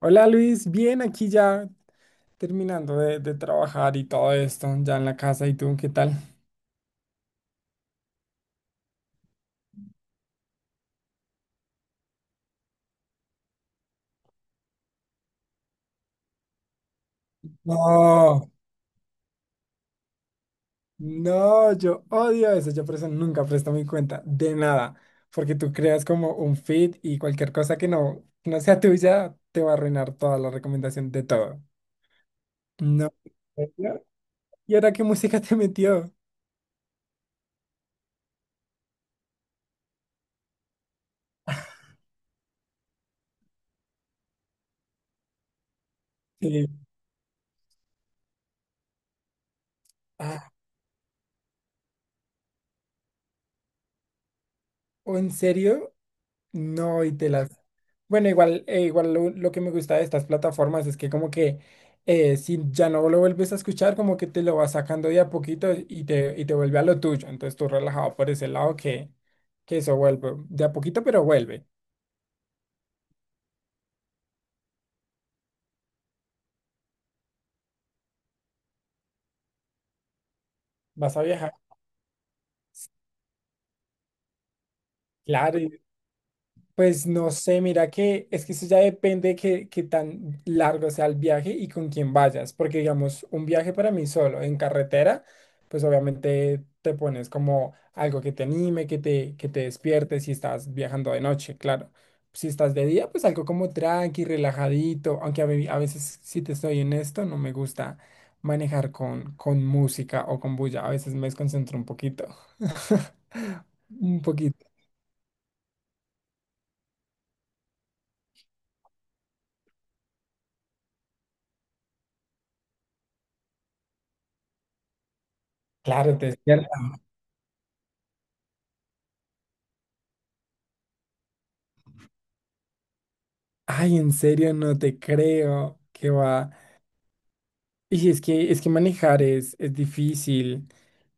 Hola Luis, bien, aquí ya terminando de trabajar y todo esto, ya en la casa. ¿Y tú qué tal? No, no, yo odio eso. Yo por eso nunca presto mi cuenta de nada, porque tú creas como un feed y cualquier cosa que no sea tuya te va a arruinar toda la recomendación de todo. No. ¿En serio? ¿Y ahora qué música te metió? Sí. Ah, ¿o en serio? No, y te la... Bueno, igual, igual lo que me gusta de estas plataformas es que como que si ya no lo vuelves a escuchar, como que te lo vas sacando de a poquito y te vuelve a lo tuyo. Entonces tú relajado por ese lado que eso vuelve de a poquito, pero vuelve. Vas a viajar, claro, y... Pues no sé, mira que es que eso ya depende que qué tan largo sea el viaje y con quién vayas, porque digamos, un viaje para mí solo en carretera, pues obviamente te pones como algo que te anime, que te despierte si estás viajando de noche, claro. Si estás de día, pues algo como tranqui, relajadito, aunque a veces, si te estoy honesto, no me gusta manejar con música o con bulla, a veces me desconcentro un poquito. Un poquito. Claro, te... Ay, en serio, no te creo que va. Y si es que manejar es difícil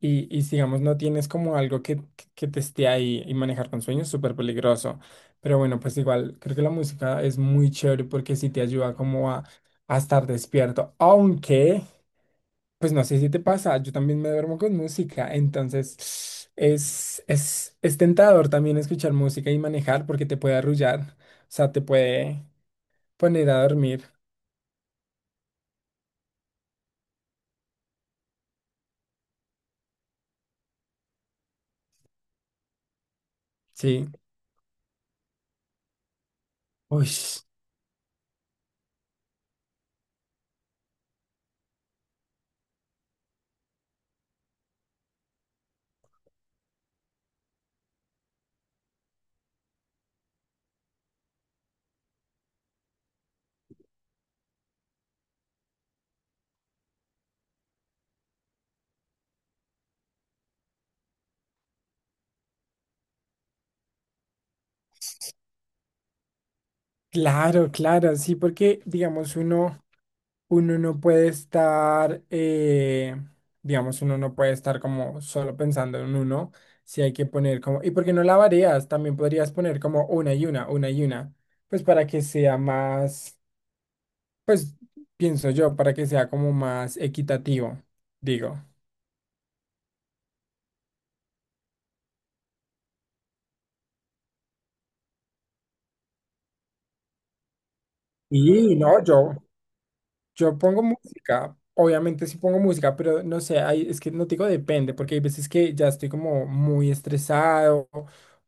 y si, digamos no tienes como algo que te esté ahí, y manejar con sueños es súper peligroso. Pero bueno, pues igual creo que la música es muy chévere porque sí te ayuda como a estar despierto. Aunque, pues no sé si te pasa, yo también me duermo con música, entonces es tentador también escuchar música y manejar porque te puede arrullar, o sea, te puede poner a dormir. Sí. Uy, claro, sí, porque digamos uno, uno no puede estar, digamos uno no puede estar como solo pensando en uno, si hay que poner como, ¿y por qué no la varías? También podrías poner como una y una, pues para que sea más, pues pienso yo, para que sea como más equitativo, digo. Y no, yo... Yo pongo música, obviamente sí pongo música, pero no sé, hay- es que no te digo, depende, porque hay veces que ya estoy como muy estresado,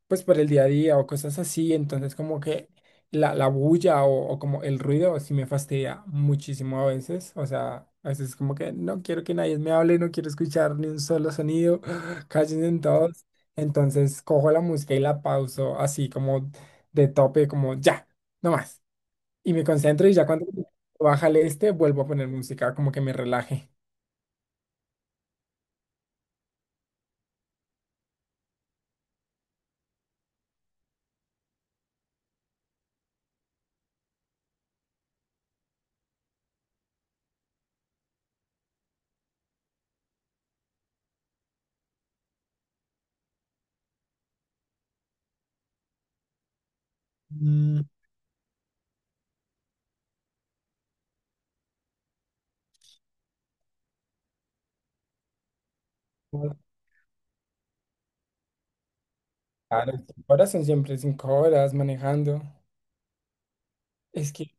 pues por el día a día o cosas así, entonces como que la bulla o como el ruido sí me fastidia muchísimo a veces, o sea, a veces como que no quiero que nadie me hable, no quiero escuchar ni un solo sonido. Cállense todos, entonces cojo la música y la pauso así como de tope, como ya, no más, y me concentro y ya cuando baja el este vuelvo a poner música, como que me relaje. Mm. Claro, 5 horas son siempre 5 horas manejando. Es que,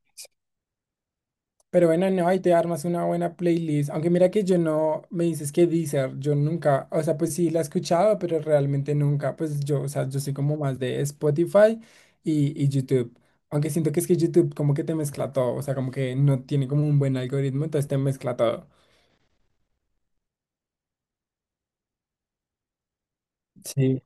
pero bueno, no, ahí te armas una buena playlist. Aunque mira que yo no, me dices que Deezer, yo nunca, o sea, pues sí la he escuchado, pero realmente nunca, pues yo, o sea, yo soy como más de Spotify y YouTube. Aunque siento que es que YouTube como que te mezcla todo, o sea, como que no tiene como un buen algoritmo, entonces te mezcla todo. Sí.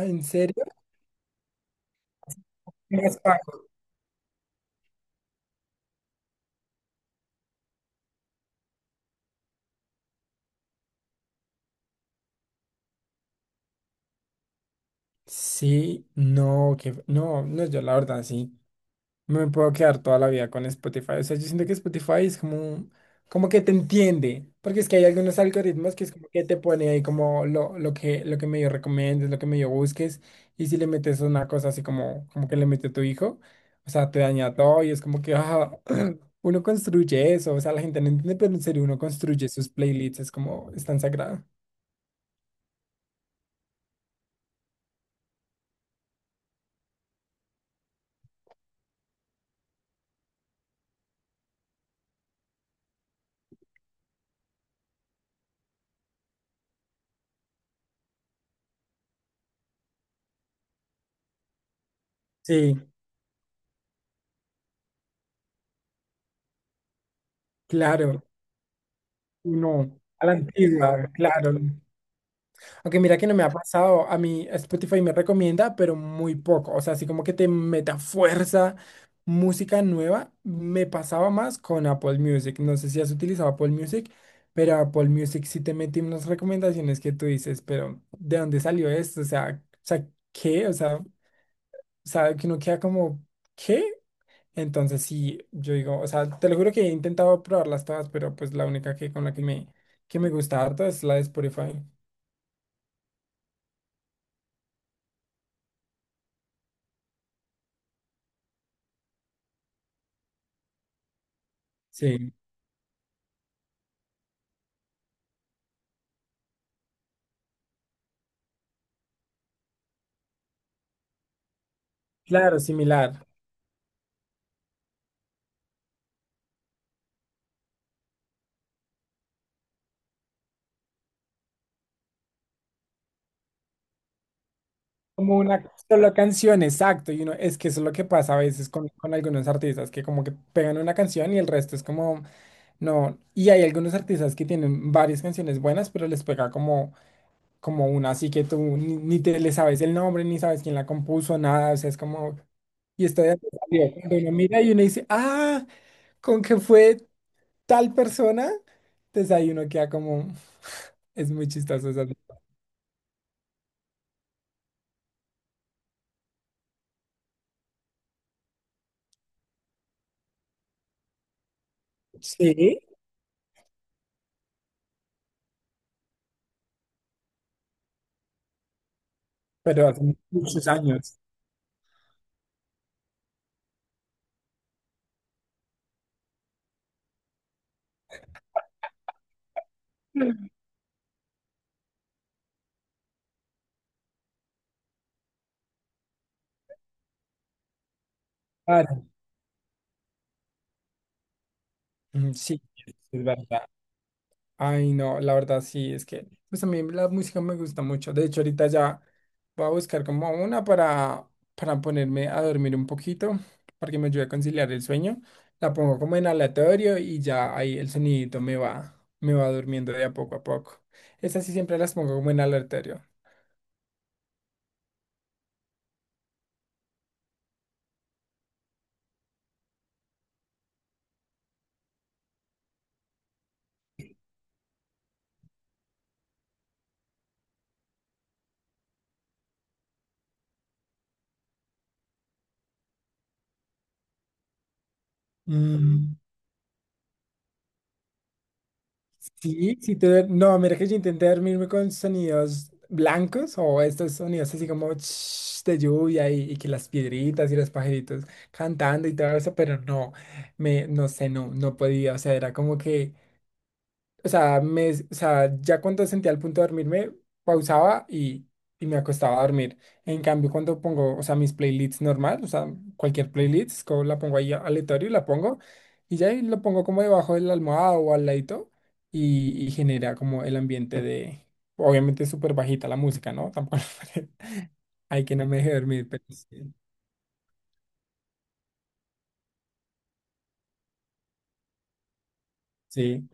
Ah, ¿en serio? Sí, no, que no, no, yo la verdad sí... No me puedo quedar toda la vida con Spotify. O sea, yo siento que Spotify es como, un- como que te entiende, porque es que hay algunos algoritmos que es como que te pone ahí como lo, lo que medio recomiendes, lo que medio busques, y si le metes una cosa así como, como que le metió tu hijo, o sea, te daña todo y es como que ah, uno construye eso, o sea, la gente no entiende, pero en serio uno construye sus playlists, es como, es tan sagrado. Sí, claro, uno, a la antigua, claro. Aunque mira que no me ha pasado, a mí Spotify me recomienda, pero muy poco. O sea, así como que te meta fuerza música nueva, me pasaba más con Apple Music. No sé si has utilizado Apple Music, pero Apple Music sí te mete unas recomendaciones que tú dices, pero ¿de dónde salió esto? O sea, ¿qué? O sea, sabe que uno queda como, ¿qué? Entonces sí, yo digo, o sea, te lo juro que he intentado probarlas todas, pero pues la única que con la que me gusta harto es la de Spotify. Sí, claro, similar. Como una sola canción, exacto. Y uno, es que eso es lo que pasa a veces con algunos artistas, que como que pegan una canción y el resto es como, no. Y hay algunos artistas que tienen varias canciones buenas, pero les pega como, como una, así que tú ni te le sabes el nombre, ni sabes quién la compuso, nada. O sea, es como, y esto de salió. Cuando uno mira y uno dice, ah, con que fue tal persona, entonces ahí uno queda como, es muy chistoso. O sea, sí, pero hace muchos años. Ah, ujú, sí, es verdad. Ay, no, la verdad sí, es que pues a mí la música me gusta mucho. De hecho, ahorita ya voy a buscar como una para ponerme a dormir un poquito, para que me ayude a conciliar el sueño. La pongo como en aleatorio y ya ahí el sonidito me va durmiendo de a poco a poco. Estas sí siempre las pongo como en aleatorio. Mm. Sí, sí te... No, mira que yo intenté dormirme con sonidos blancos o estos sonidos así como ch- de lluvia y que las piedritas y los pajaritos cantando y todo eso, pero no, me, no sé, no, no podía, o sea, era como que o sea, me, o sea, ya cuando sentía el punto de dormirme, pausaba y me acostaba a dormir. En cambio, cuando pongo, o sea, mis playlists normal, o sea, cualquier playlist, co- la pongo ahí aleatorio, la pongo y ya ahí lo pongo como debajo de la almohada o al ladito y genera como el ambiente de, obviamente es súper bajita la música, ¿no? Tampoco hay que no me deje dormir, pero sí. Sí.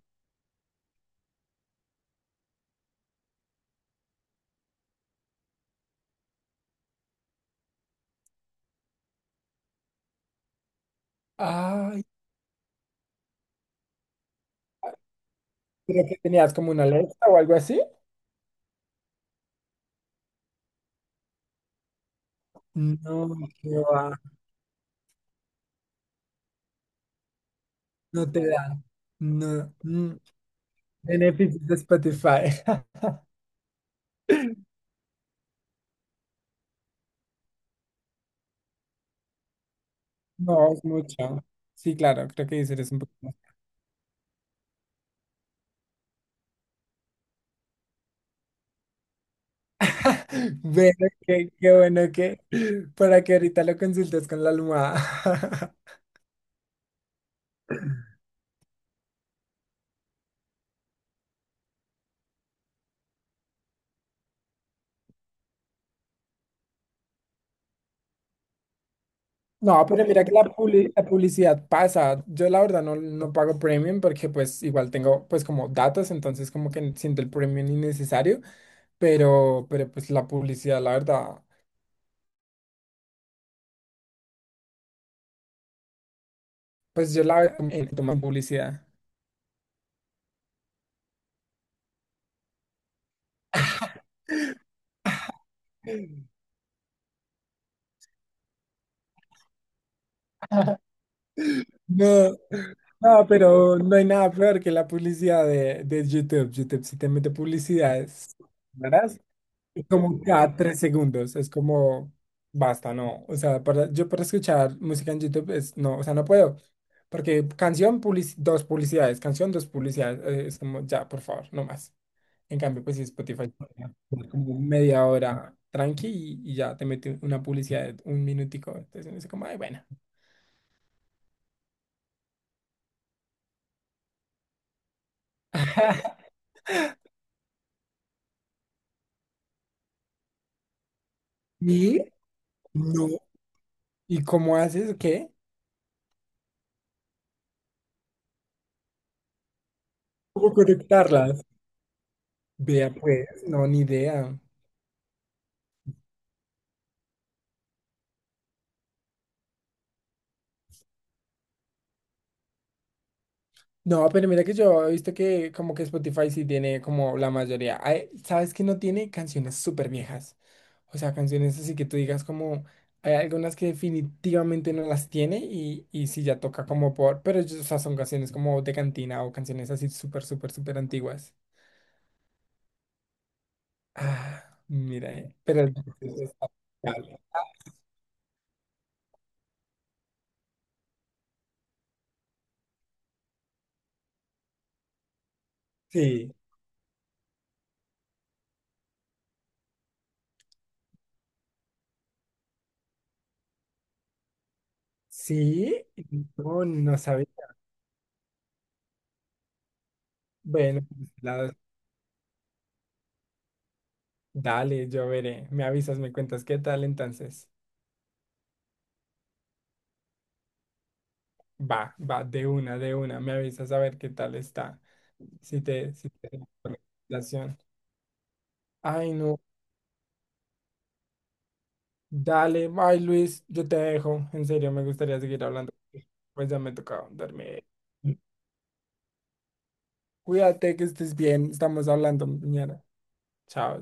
Ay, creo que tenías como una alerta o algo así. No, qué va. No te da. No. Mm. Beneficios de Spotify. No, es mucho. Sí, claro, creo que dices es un poco más. Bueno, qué bueno que para que ahorita lo consultes con la almohada. No, pero mira que la, publi- la publicidad pasa. Yo la verdad no, no pago premium porque pues igual tengo pues como datos, entonces como que siento el premium innecesario, pero pues la publicidad, la verdad, pues yo la veo como en- como publicidad. No, no, pero no hay nada peor que la publicidad de YouTube. YouTube si te mete publicidad, es- ¿verdad? Es como cada 3 segundos, es como, basta, no. O sea, para, yo para escuchar música en YouTube es, no, o sea, no puedo. Porque canción, publici- dos publicidades, canción, dos publicidades, es como, ya, por favor, no más. En cambio, pues si Spotify, como media hora tranqui y ya te mete una publicidad de un minutico. Entonces, uno dice como, ay, bueno. ¿Y? No. ¿Y cómo haces? ¿Qué? ¿Cómo conectarlas? Vea pues, no, ni idea. No, pero mira que yo he visto que como que Spotify sí tiene como la mayoría. Ay, ¿sabes que no tiene canciones súper viejas? O sea, canciones así que tú digas como hay algunas que definitivamente no las tiene y sí ya toca como por, pero yo- o sea, son canciones como de cantina o canciones así súper antiguas. Ah, mira, pero el- Sí, sí, no, no sabía. Bueno, la- dale, yo veré. Me avisas, me cuentas qué tal entonces. Va, va, de una. Me avisas a ver qué tal está. Si te... da la relación. Ay, no. Dale, bye Luis, yo te dejo. En serio, me gustaría seguir hablando. Pues ya me tocaba dormir. Cuídate, que estés bien. Estamos hablando mañana. Chao.